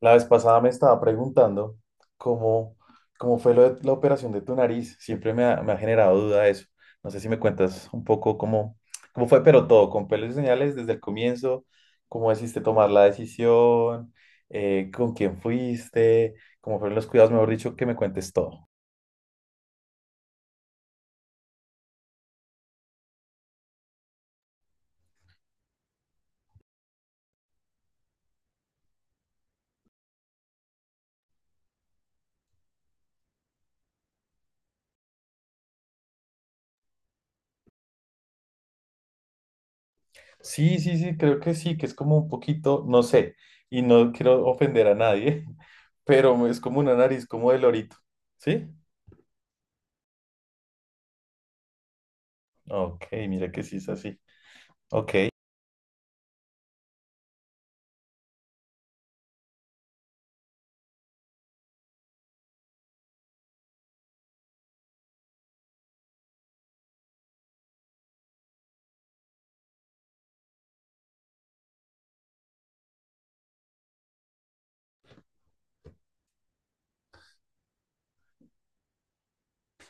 La vez pasada me estaba preguntando cómo, cómo fue lo de la operación de tu nariz. Siempre me ha generado duda eso. No sé si me cuentas un poco cómo fue, pero todo, con pelos y señales desde el comienzo, cómo decidiste tomar la decisión, con quién fuiste, cómo fueron los cuidados, mejor dicho, que me cuentes todo. Sí, sí, sí, creo que sí, que es como un poquito, no sé, y no quiero ofender a nadie, pero es como una nariz como de lorito, ¿sí? Ok, mira que sí es así. Ok.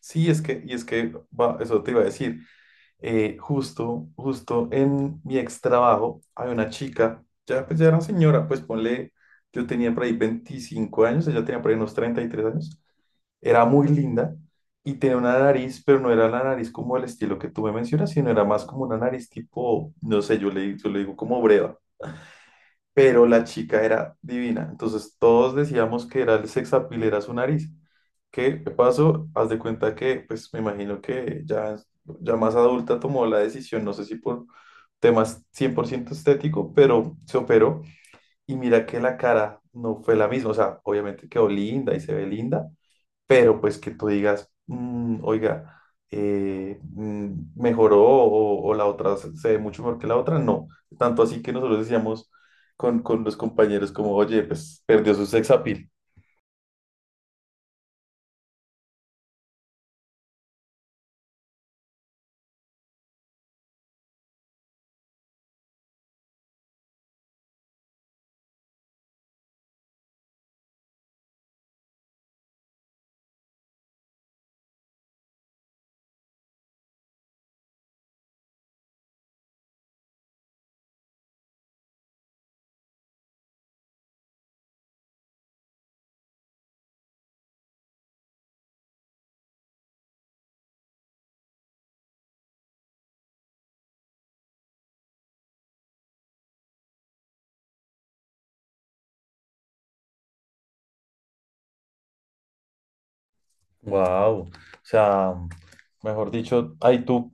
Sí, es que, y es que, va, eso te iba a decir, justo en mi ex trabajo, hay una chica, ya, pues ya era señora, pues ponle, yo tenía por ahí 25 años, ella tenía por ahí unos 33 años, era muy linda y tenía una nariz, pero no era la nariz como el estilo que tú me mencionas, sino era más como una nariz tipo, no sé, yo le digo como breva, pero la chica era divina. Entonces todos decíamos que era el sex appeal, era su nariz. ¿Qué pasó? Haz de cuenta que, pues me imagino ya más adulta tomó la decisión, no sé si por temas 100% estético, pero se operó y mira que la cara no fue la misma. O sea, obviamente quedó linda y se ve linda, pero pues que tú digas, "Mm, oiga, mejoró o la otra se ve mucho mejor que la otra, no. Tanto así que nosotros decíamos con los compañeros como, oye, pues perdió su sex appeal. Wow, o sea, mejor dicho, ahí tú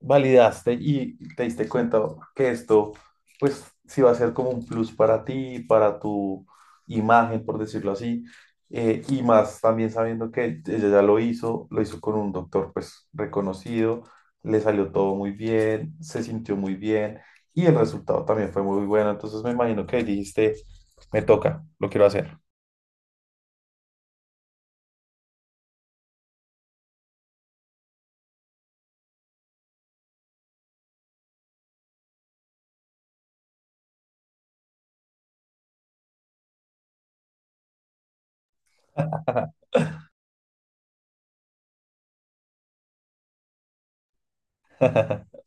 validaste y te diste cuenta que esto, pues, sí va a ser como un plus para ti, para tu imagen, por decirlo así, y más también sabiendo que ella ya lo hizo con un doctor, pues, reconocido, le salió todo muy bien, se sintió muy bien y el resultado también fue muy bueno, entonces me imagino que dijiste, me toca, lo quiero hacer.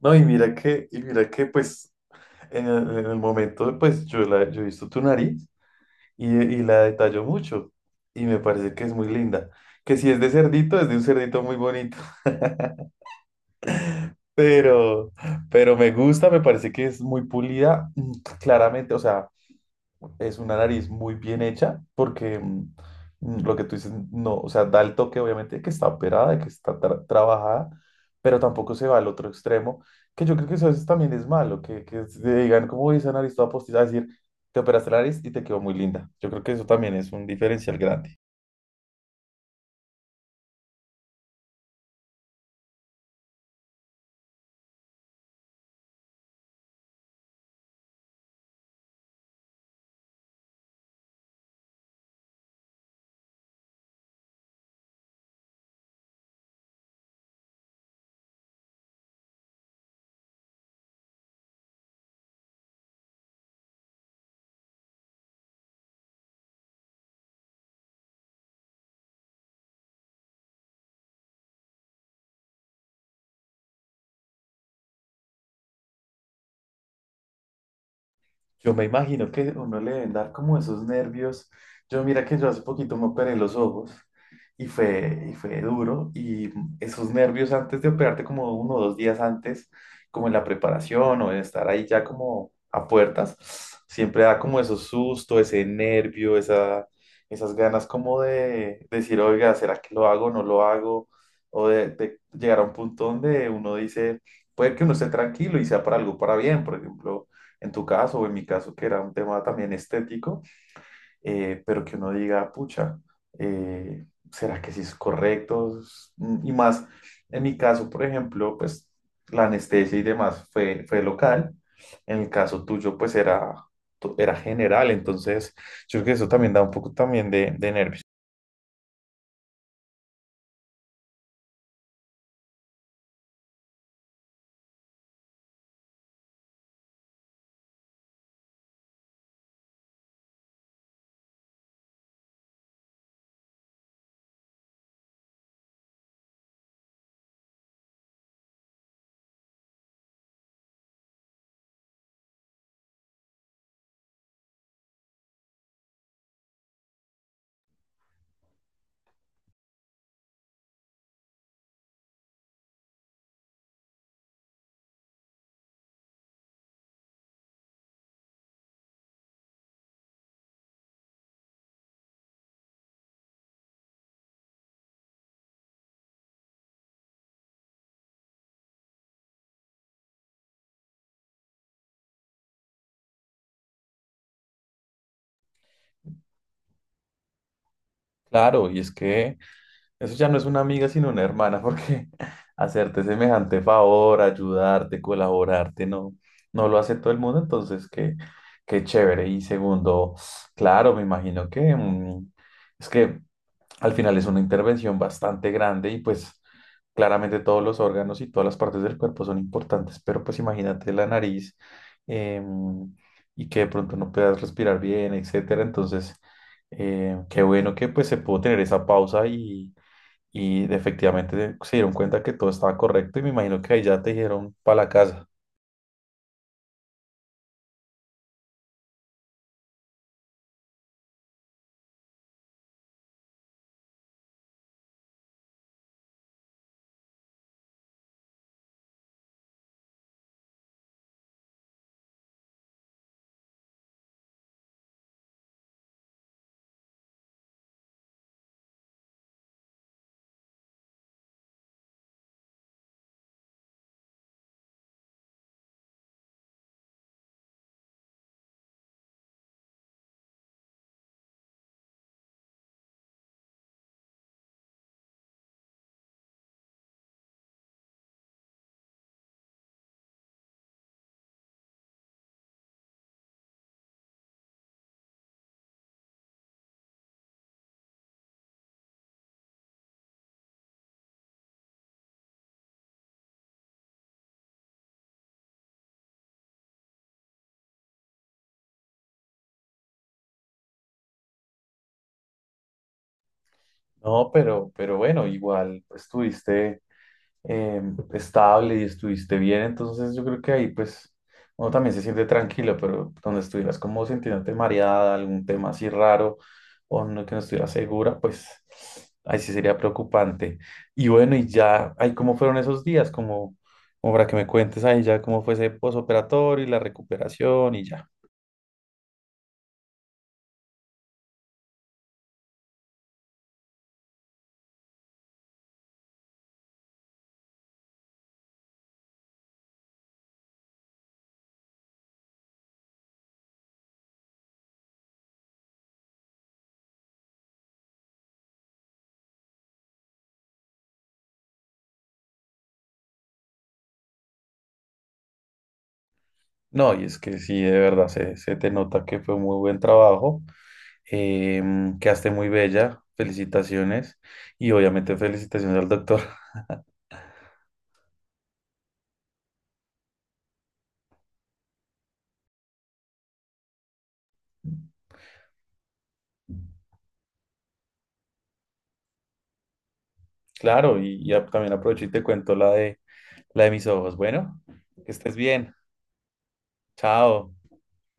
No, y mira que, pues, en el momento, yo he visto tu nariz y la detallo mucho y me parece que es muy linda. Que si es de cerdito, es de un cerdito muy bonito, pero, pero me gusta, me parece que es muy pulida, claramente, o sea, es una nariz muy bien hecha porque lo que tú dices, no, o sea, da el toque obviamente de que está operada, de que está trabajada, pero tampoco se va al otro extremo, que yo creo que eso a veces también es malo, que se digan, como "Uy, esa nariz toda postiza, es decir, te operaste la nariz y te quedó muy linda. Yo creo que eso también es un diferencial grande. Yo me imagino que a uno le deben dar como esos nervios. Yo mira que yo hace poquito me operé los ojos y y fue duro y esos nervios antes de operarte como uno o dos días antes, como en la preparación o en estar ahí ya como a puertas, siempre da como esos susto, esas ganas como de decir, oiga, ¿será que lo hago o no lo hago? De llegar a un punto donde uno dice, puede que uno esté tranquilo y sea para algo para bien, por ejemplo en tu caso o en mi caso, que era un tema también estético, pero que uno diga, pucha, eh, ¿será que sí es correcto? Mm, y más, en mi caso, por ejemplo, pues la anestesia y demás fue local, en el caso tuyo, era general, entonces yo creo que eso también da un poco también de nervios. Claro, y es que... Eso ya no es una amiga, sino una hermana, porque hacerte semejante favor, ayudarte, colaborarte, no, no lo hace todo el mundo, entonces qué chévere. Y segundo, claro, me imagino que es que al final es una intervención bastante grande y pues claramente todos los órganos y todas las partes del cuerpo son importantes, pero pues imagínate la nariz em, y que de pronto no puedas respirar bien, etcétera. Entonces, qué bueno que pues se pudo tener esa pausa y efectivamente se dieron cuenta que todo estaba correcto y me imagino que ahí ya te dijeron para la casa. No, pero bueno, igual pues, estuviste eh, estable y estuviste bien, entonces yo creo que ahí pues uno también se siente tranquilo, pero donde estuvieras como sintiéndote mareada, algún tema así raro o no, que no estuvieras segura, pues ahí sí sería preocupante. Y bueno, y ya, ahí cómo fueron esos días, como para que me cuentes ahí ya cómo fue ese posoperatorio y la recuperación y ya. No, y es que sí, de verdad, se te nota que fue muy buen trabajo, em, quedaste muy bella, felicitaciones y obviamente felicitaciones al doctor. Claro, y ya también aprovecho y te cuento la de mis ojos. Bueno, que estés bien, chao.